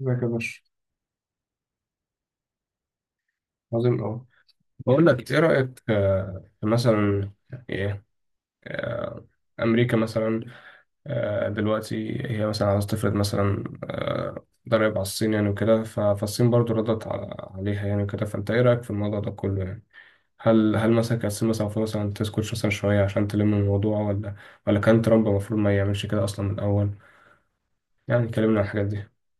ازيك يا باشا. عظيم أوي. بقول لك إيه رأيك في مثلا إيه آه، أمريكا مثلا، دلوقتي هي مثلا عاوزة تفرض مثلا ضرائب على الصين، يعني وكده، ف- فالصين برضو ردت عليها، يعني وكده، فأنت إيه رأيك في الموضوع ده كله يعني؟ هل مثلا كانت الصين مثلا المفروض مثلا تسكت مثلا شوية عشان تلم الموضوع، ولا كان ترامب المفروض ما يعملش كده أصلا من الأول؟ يعني كلمنا عن الحاجات دي.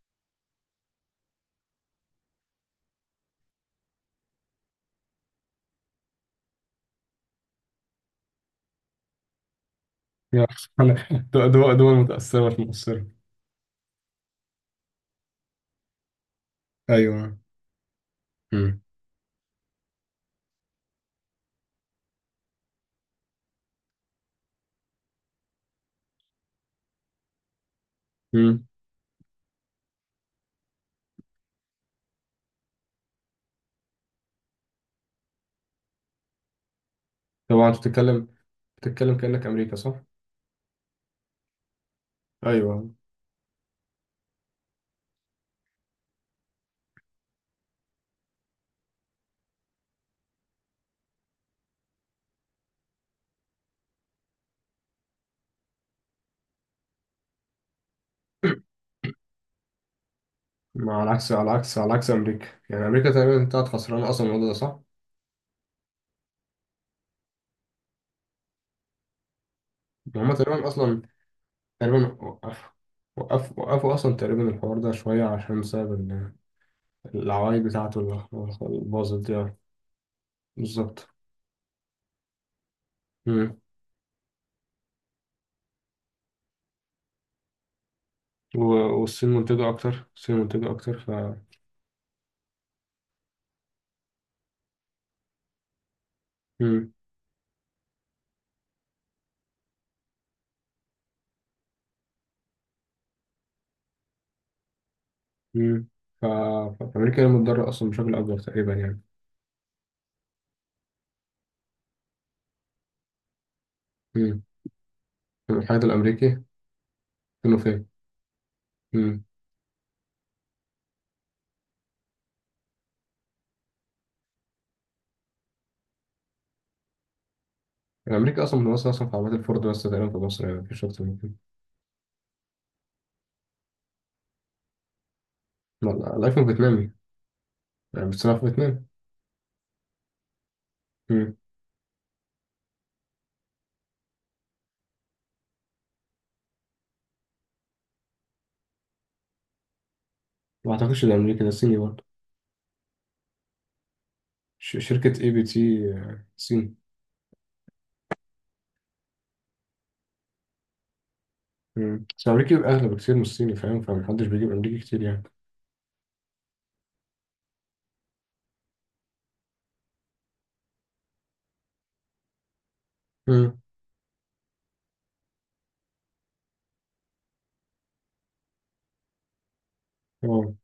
يا أخي، أنا دول متأثرة مش مقصرة. ايوه. مم. مم. طبعا انت بتتكلم، كأنك أمريكا، صح؟ ايوه. ما على عكس أمريكا، يعني أمريكا تقريبا طلعت خسرانة أصلا، الموضوع ده، صح؟ يعني هما تقريبا أصلا، تقريبا وقفوا أصلا تقريبا الحوار ده شوية عشان بسبب العوايد بتاعته، اللي باظت دي يعني. بالظبط. مم. و- والصين منتجة أكتر، ف... مم. مم. ف... ف- فأمريكا هي المتضررة أصلا بشكل أكبر تقريبا يعني. مم. الاتحاد الأمريكي فين وفين. الأمريكي أصلا منوصل أصلا في عربيات الفورد بس تقريبا في مصر، يعني مفيش أكتر من كده. لا، الأيفون فيتنامي، يعني بتصنع في فيتنام. مم. ما أعتقدش ده أمريكي، ده صيني برضه. شركة أي بي تي، صيني. مم. بس الأمريكي بيبقى أغلى بكتير من الصيني، فاهم، فمحدش بيجيب أمريكي كتير يعني. مم. أه.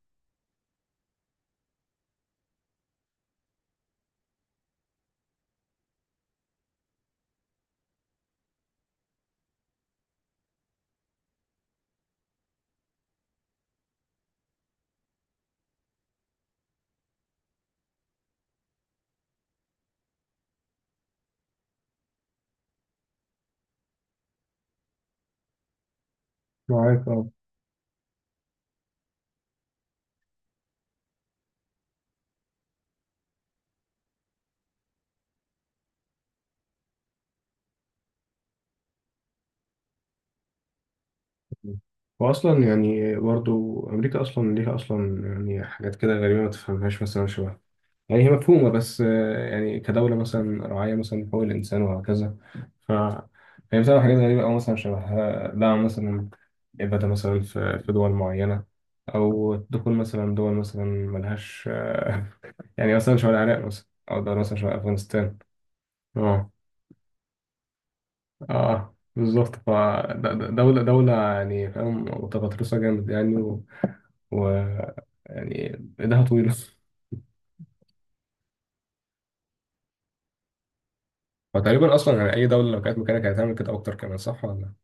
معاك، أه. وأصلا يعني برضه، أمريكا أصلا ليها أصلا يعني حاجات كده غريبة ما تفهمهاش مثلا، شبه يعني هي مفهومة، بس يعني كدولة مثلا راعية مثلا حقوق الإنسان وهكذا، ف هي بتعمل حاجات غريبة، أو مثلا شبه دعم مثلا إبادة مثلا في دول معينة، أو دخول مثلا دول مثلا ملهاش، يعني مثلا شبه العراق مثلا، أو دول مثلا شبه أفغانستان. أه. أه بالظبط، ف دولة دولة يعني فاهم، متغطرسة جامد يعني، و... يعني إيدها طويلة. فتقريبا أصلا يعني أي دولة لو كانت مكانك هتعمل كده أكتر كمان، صح ولا؟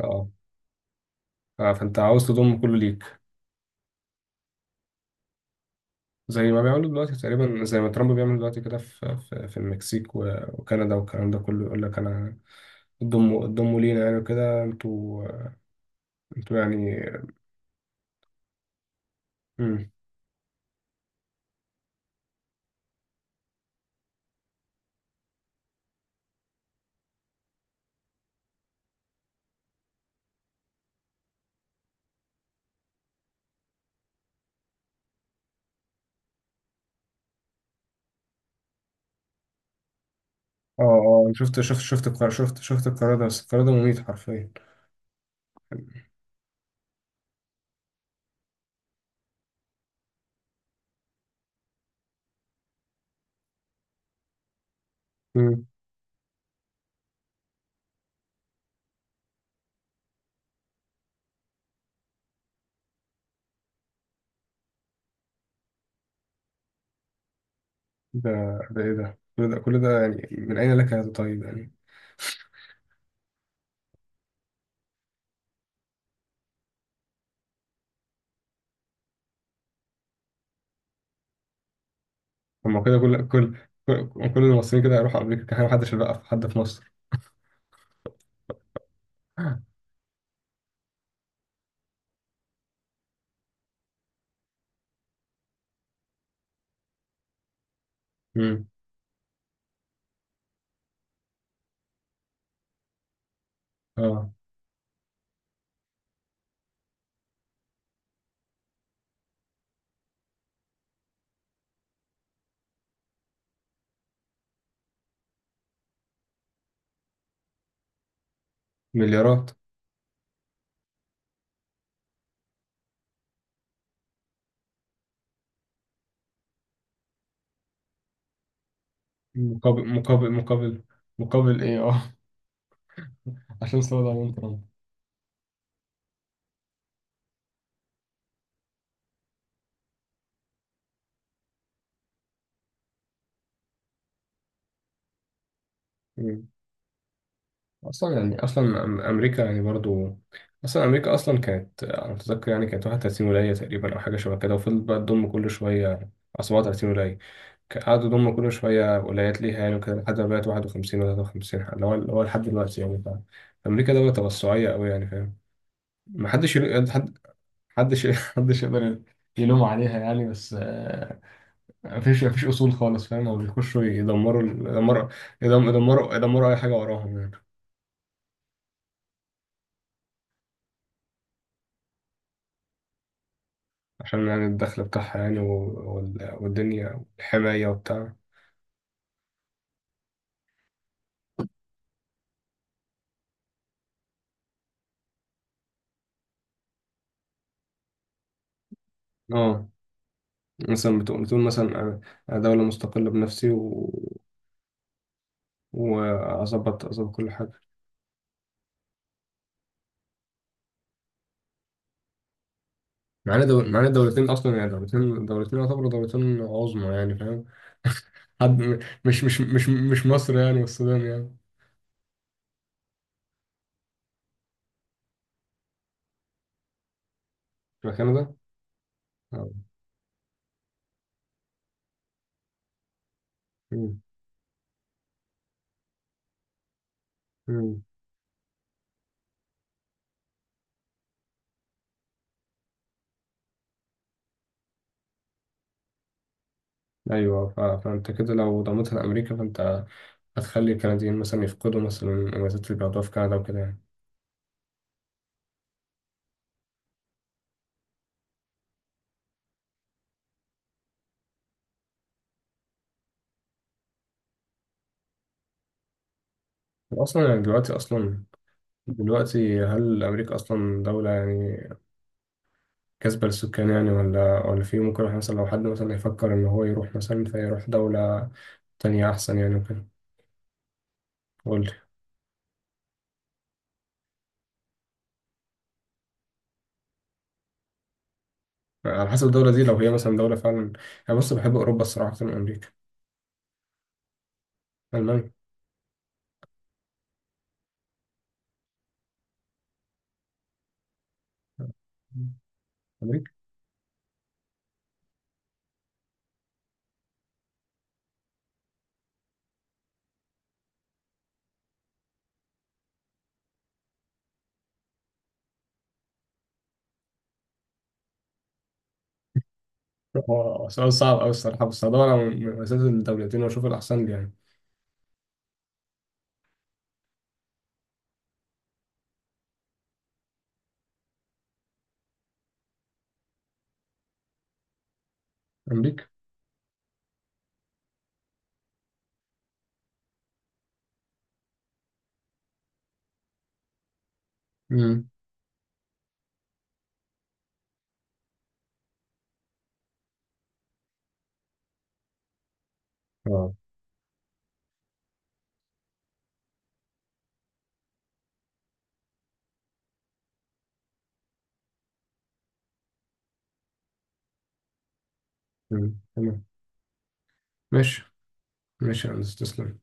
أه. اه، فانت عاوز تضم كله ليك، زي ما بيعملوا دلوقتي، تقريبا زي ما ترامب بيعمل دلوقتي كده، في المكسيك وكندا، والكلام ده كله يقول لك انا، ضموا لينا، يعني كده انتوا، يعني. مم. اه، اه، شفت شفت شفت القرار شفت شفت القرار ده، بس القرار ده مميت حرفيا. مم. ده ده ايه، ده كل ده كل ده يعني، من اين لك هذا، طيب يعني. هما كده كل كل كل كل المصريين كده هيروحوا امريكا، كان محدش بقى، في حد في مصر. مم. اه. مليارات. مقابل مقابل مقابل مقابل ايه، اه. عشان صوره دونالد ترامب. مم. اصلا يعني اصلا، امريكا يعني برضو، اصلا امريكا اصلا كانت، انا متذكر يعني كانت 31 ولايه تقريبا، او حاجه شبه كده، وفضلت بقى تضم كل شويه، أو 37 ولايه، قعدوا يضموا كل شويه ولايات ليها يعني، وكده لحد ما بقت 51 و53، اللي هو لحد دلوقتي يعني، ف- فامريكا دوله توسعيه قوي يعني فاهم. محدش يل- حد حدش محدش يقدر يلوم عليها يعني، بس مفيش اصول خالص فاهم، هو بيخشوا يدمروا, اي حاجه وراهم يعني. عشان يعني الدخل بتاعها يعني و- وال- والدنيا والحمايه وبتاع. اه. مثلا بتقول مثلا انا، أنا دوله مستقله بنفسي، و واظبط اظبط كل حاجه. معانا معانا دولتين اصلا يعني، دولتين يعتبروا دولتين عظمى يعني فاهم. حد مش مصر يعني والسودان يعني. مش كندا. اه. مم. مم. ايوه، فانت كده لو ضمتها لامريكا فانت هتخلي الكنديين مثلا يفقدوا مثلا المميزات اللي بياخدوها في كندا وكده يعني. أصلا يعني دلوقتي، أصلا دلوقتي هل أمريكا أصلا دولة يعني كاسبة للسكان يعني، ولا في ممكن واحد مثلا لو حد مثلا يفكر إن هو يروح مثلا، فيروح دولة تانية أحسن يعني وكده؟ قول لي. على حسب الدولة دي، لو هي مثلا دولة فعلا، أنا بص بحب أوروبا الصراحة أكتر من أمريكا. ألمانيا. أمريكا. هو سؤال صعب أوي الصراحة، بس هدور على مميزات الدولتين وأشوف الأحسن لي يعني. أمريكا. امم. اه. امم، تمام، ماشي. ماشي يا هندسة، تسلم.